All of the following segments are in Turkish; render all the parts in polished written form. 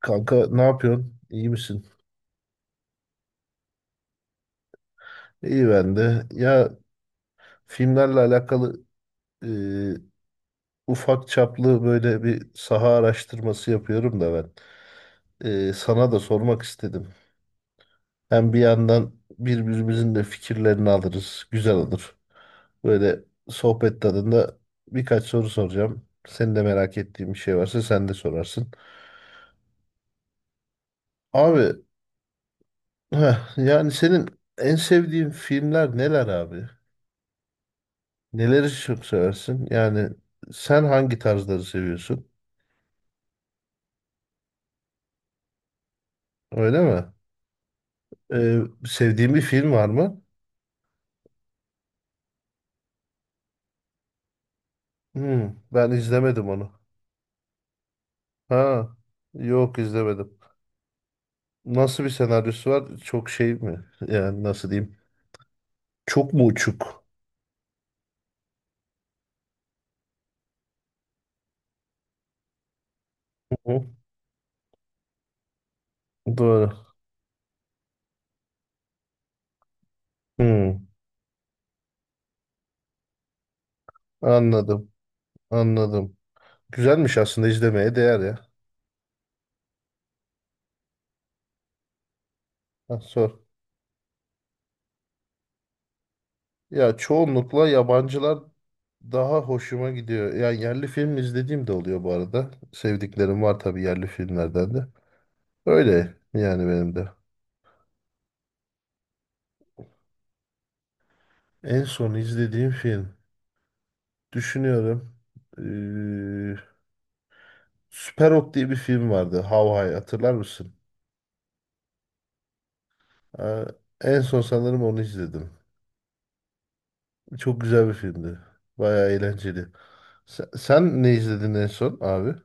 Kanka ne yapıyorsun? İyi misin? İyi ben de. Ya filmlerle alakalı e, ufak çaplı böyle bir saha araştırması yapıyorum da ben. Sana da sormak istedim. Hem bir yandan birbirimizin de fikirlerini alırız. Güzel olur. Böyle sohbet tadında birkaç soru soracağım. Senin de merak ettiğin bir şey varsa sen de sorarsın. Abi yani senin en sevdiğin filmler neler abi? Neleri çok seversin? Yani sen hangi tarzları seviyorsun? Öyle mi? Ee, sevdiğin bir film var mı? Ben izlemedim onu. Ha, yok izlemedim. Nasıl bir senaryosu var? Çok şey mi? Yani nasıl diyeyim? Çok mu uçuk? Hı hı, doğru. Hmm, Anladım, anladım. Güzelmiş, aslında izlemeye değer ya. Ha, sor. Ya çoğunlukla yabancılar daha hoşuma gidiyor. Yani yerli film izlediğim de oluyor bu arada. Sevdiklerim var tabii yerli filmlerden de. Öyle yani benim de. En son izlediğim film. Düşünüyorum. Ee, Süper Ok diye bir film vardı. How High hatırlar mısın? Ha, en son sanırım onu izledim. Çok güzel bir filmdi. Bayağı eğlenceli. Sen ne izledin en son abi?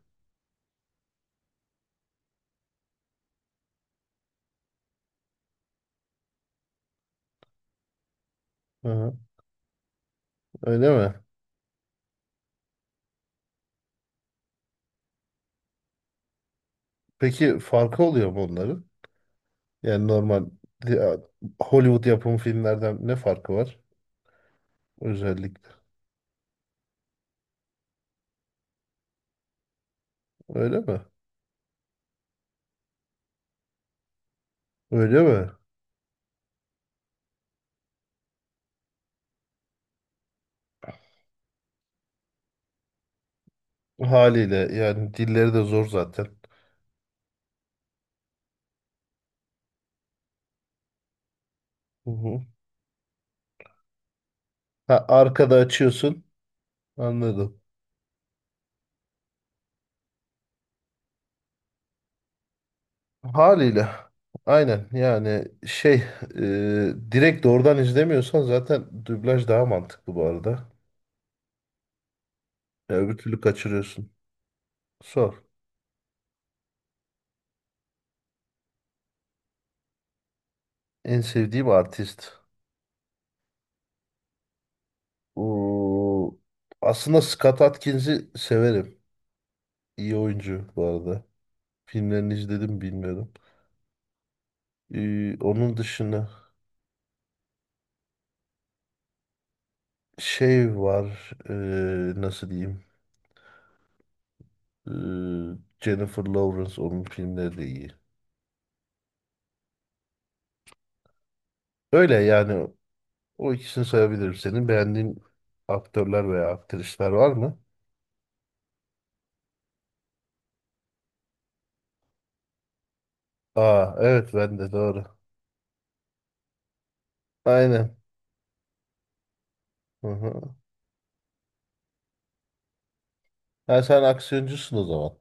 Hı hı. Öyle mi? Peki farkı oluyor mu onların? Yani normal ya, Hollywood yapımı filmlerden ne farkı var özellikle? Öyle mi? Öyle mi? Haliyle yani dilleri de zor zaten. Hı hı. Ha, arkada açıyorsun. Anladım. Haliyle. Aynen yani direkt doğrudan izlemiyorsan zaten dublaj daha mantıklı bu arada. Ya öbür türlü kaçırıyorsun. Sor. En sevdiğim artist. Oo, aslında Scott Adkins'i severim. İyi oyuncu bu arada. Filmlerini izledim bilmiyorum. Onun dışında şey var, nasıl diyeyim, Ee, Jennifer Lawrence onun filmleri de iyi. Öyle yani, o ikisini sayabilirim. Senin beğendiğin aktörler veya aktrisler var mı? Aa evet, ben de doğru. Aynen. Hı hı. Ha, sen aksiyoncusun o zaman.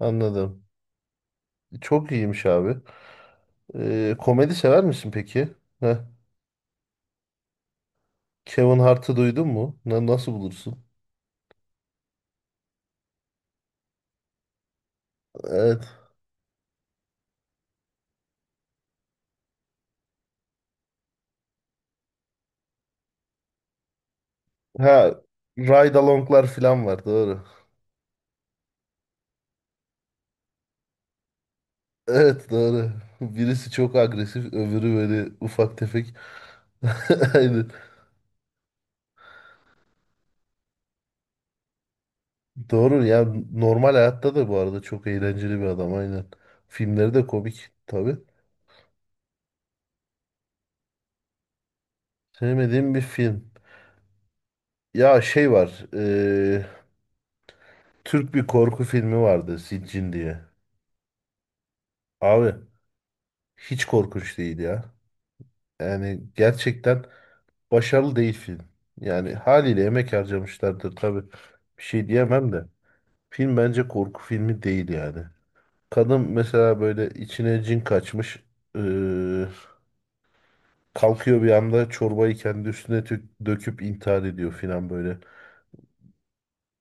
Anladım. Çok iyiymiş abi. Komedi sever misin peki? Heh. Kevin Hart'ı duydun mu? Nasıl bulursun? Evet. Ha, ride along'lar falan var, doğru. Evet, doğru. Birisi çok agresif, öbürü böyle ufak tefek. Aynen. Doğru ya, normal hayatta da bu arada çok eğlenceli bir adam, aynen. Filmleri de komik tabii. Sevmediğim bir film. Ya şey var. Türk bir korku filmi vardı, Siccin diye. Abi hiç korkunç değil ya. Yani gerçekten başarılı değil film. Yani haliyle emek harcamışlardır tabii. Bir şey diyemem de. Film bence korku filmi değil yani. Kadın mesela böyle içine cin kaçmış. eee, kalkıyor bir anda çorbayı kendi üstüne döküp intihar ediyor filan böyle.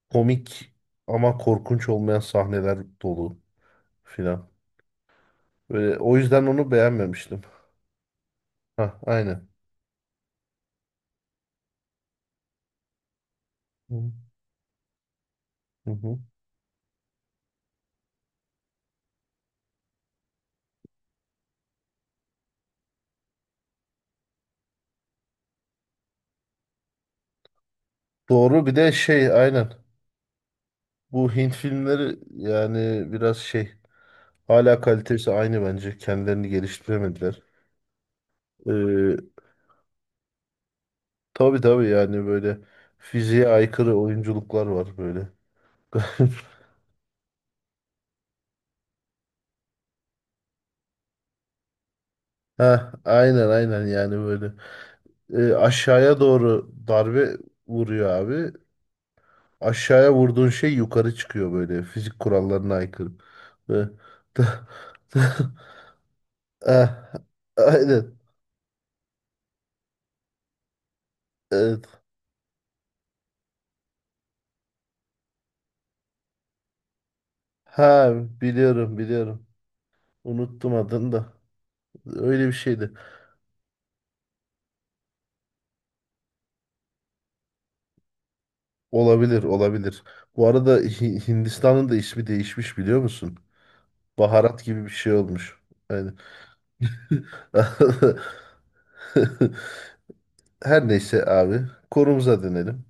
Komik ama korkunç olmayan sahneler dolu filan. Böyle, o yüzden onu beğenmemiştim. Ha aynen. Hı hı. Hı. Doğru, bir de şey aynen. Bu Hint filmleri yani biraz şey, hala kalitesi aynı bence. Kendilerini geliştiremediler. Tabii tabii, yani böyle fiziğe aykırı oyunculuklar var böyle. Ha, aynen aynen yani böyle. Aşağıya doğru darbe vuruyor abi. Aşağıya vurduğun şey yukarı çıkıyor, böyle fizik kurallarına aykırı. Ve- Ah, aynen. Evet. Ha, biliyorum biliyorum. Unuttum adını da. Öyle bir şeydi. Olabilir olabilir. Bu arada Hindistan'ın da ismi değişmiş, biliyor musun? Baharat gibi bir şey olmuş. Aynen. Her neyse abi. Konumuza dönelim.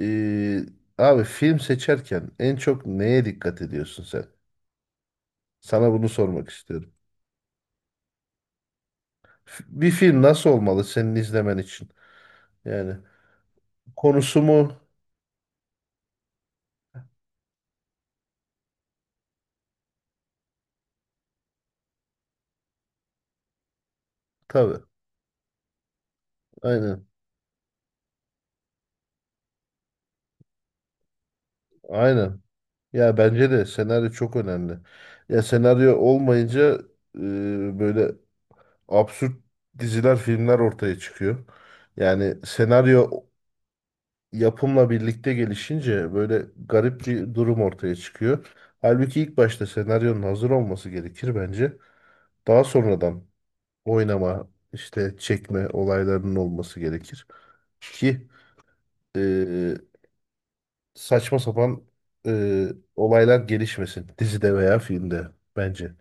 Ee, abi film seçerken en çok neye dikkat ediyorsun sen? Sana bunu sormak istiyorum. Bir film nasıl olmalı senin izlemen için? Yani konusu mu? Tabii. Aynen. Aynen. Ya bence de senaryo çok önemli. Ya senaryo olmayınca e, böyle absürt diziler, filmler ortaya çıkıyor. Yani senaryo yapımla birlikte gelişince böyle garip bir durum ortaya çıkıyor. Halbuki ilk başta senaryonun hazır olması gerekir bence. Daha sonradan oynama, işte çekme olaylarının olması gerekir. Ki e, saçma sapan e, olaylar gelişmesin dizide veya filmde, bence.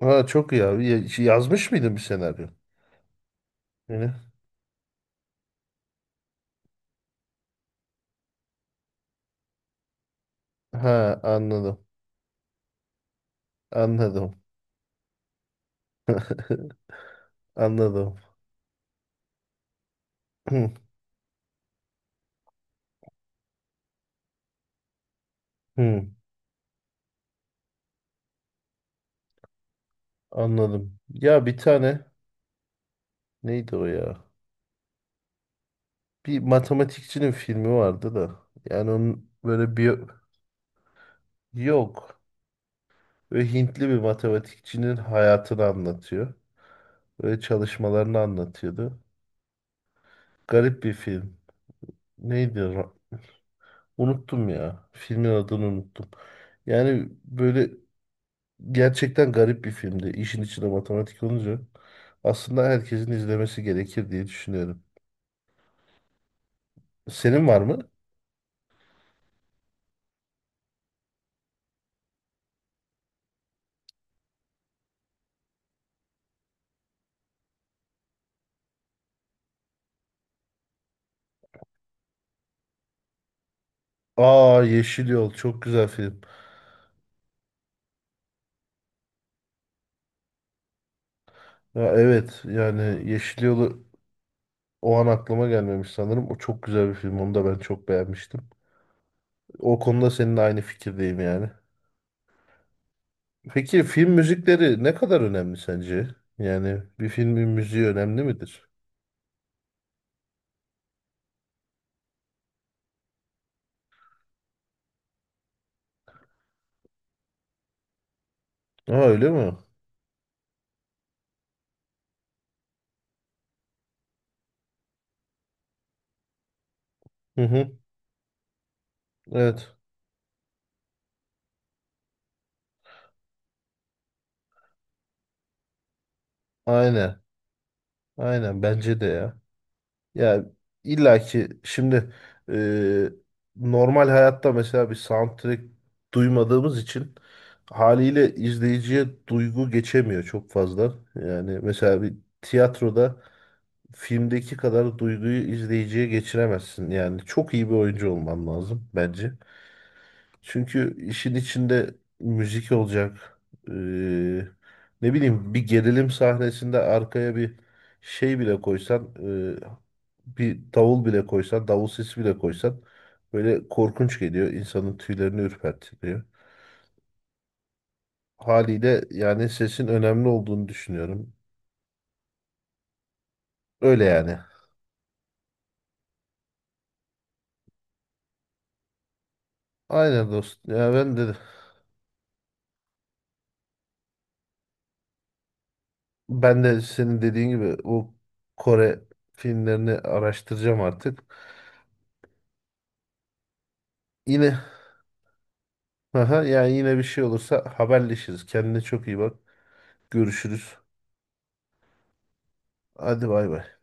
Ha çok iyi abi. Yazmış mıydın bir senaryo? Yani. Ha anladım. Anladım. Anladım. Hı, anladım. Ya bir tane, neydi o ya? Bir matematikçinin filmi vardı da. Yani onun böyle bir, yok. Böyle Hintli bir matematikçinin hayatını anlatıyor. Böyle çalışmalarını anlatıyordu. Garip bir film. Neydi? Unuttum ya. Filmin adını unuttum. Yani böyle gerçekten garip bir filmdi. İşin içinde matematik olunca aslında herkesin izlemesi gerekir diye düşünüyorum. Senin var mı? Aa, Yeşil Yol çok güzel film. Ya evet, yani Yeşil Yol'u, o an aklıma gelmemiş sanırım. O çok güzel bir film. Onu da ben çok beğenmiştim. O konuda seninle aynı fikirdeyim yani. Peki film müzikleri ne kadar önemli sence? Yani bir filmin müziği önemli midir? Aa, öyle mi? Hı hı. Evet. Aynen. Aynen bence de ya. Ya illaki şimdi e, normal hayatta mesela bir soundtrack duymadığımız için haliyle izleyiciye duygu geçemiyor çok fazla. Yani mesela bir tiyatroda filmdeki kadar duyguyu izleyiciye geçiremezsin. Yani çok iyi bir oyuncu olman lazım bence. Çünkü işin içinde müzik olacak. Ee, ne bileyim, bir gerilim sahnesinde arkaya bir şey bile koysan, e, bir davul bile koysan, davul sesi bile koysan böyle korkunç geliyor. İnsanın tüylerini ürpertiyor. Haliyle yani sesin önemli olduğunu düşünüyorum. Öyle yani. Aynen dostum. Ben de senin dediğin gibi o Kore filmlerini araştıracağım artık. Yine aha, yani yine bir şey olursa haberleşiriz. Kendine çok iyi bak. Görüşürüz. Hadi bay bay.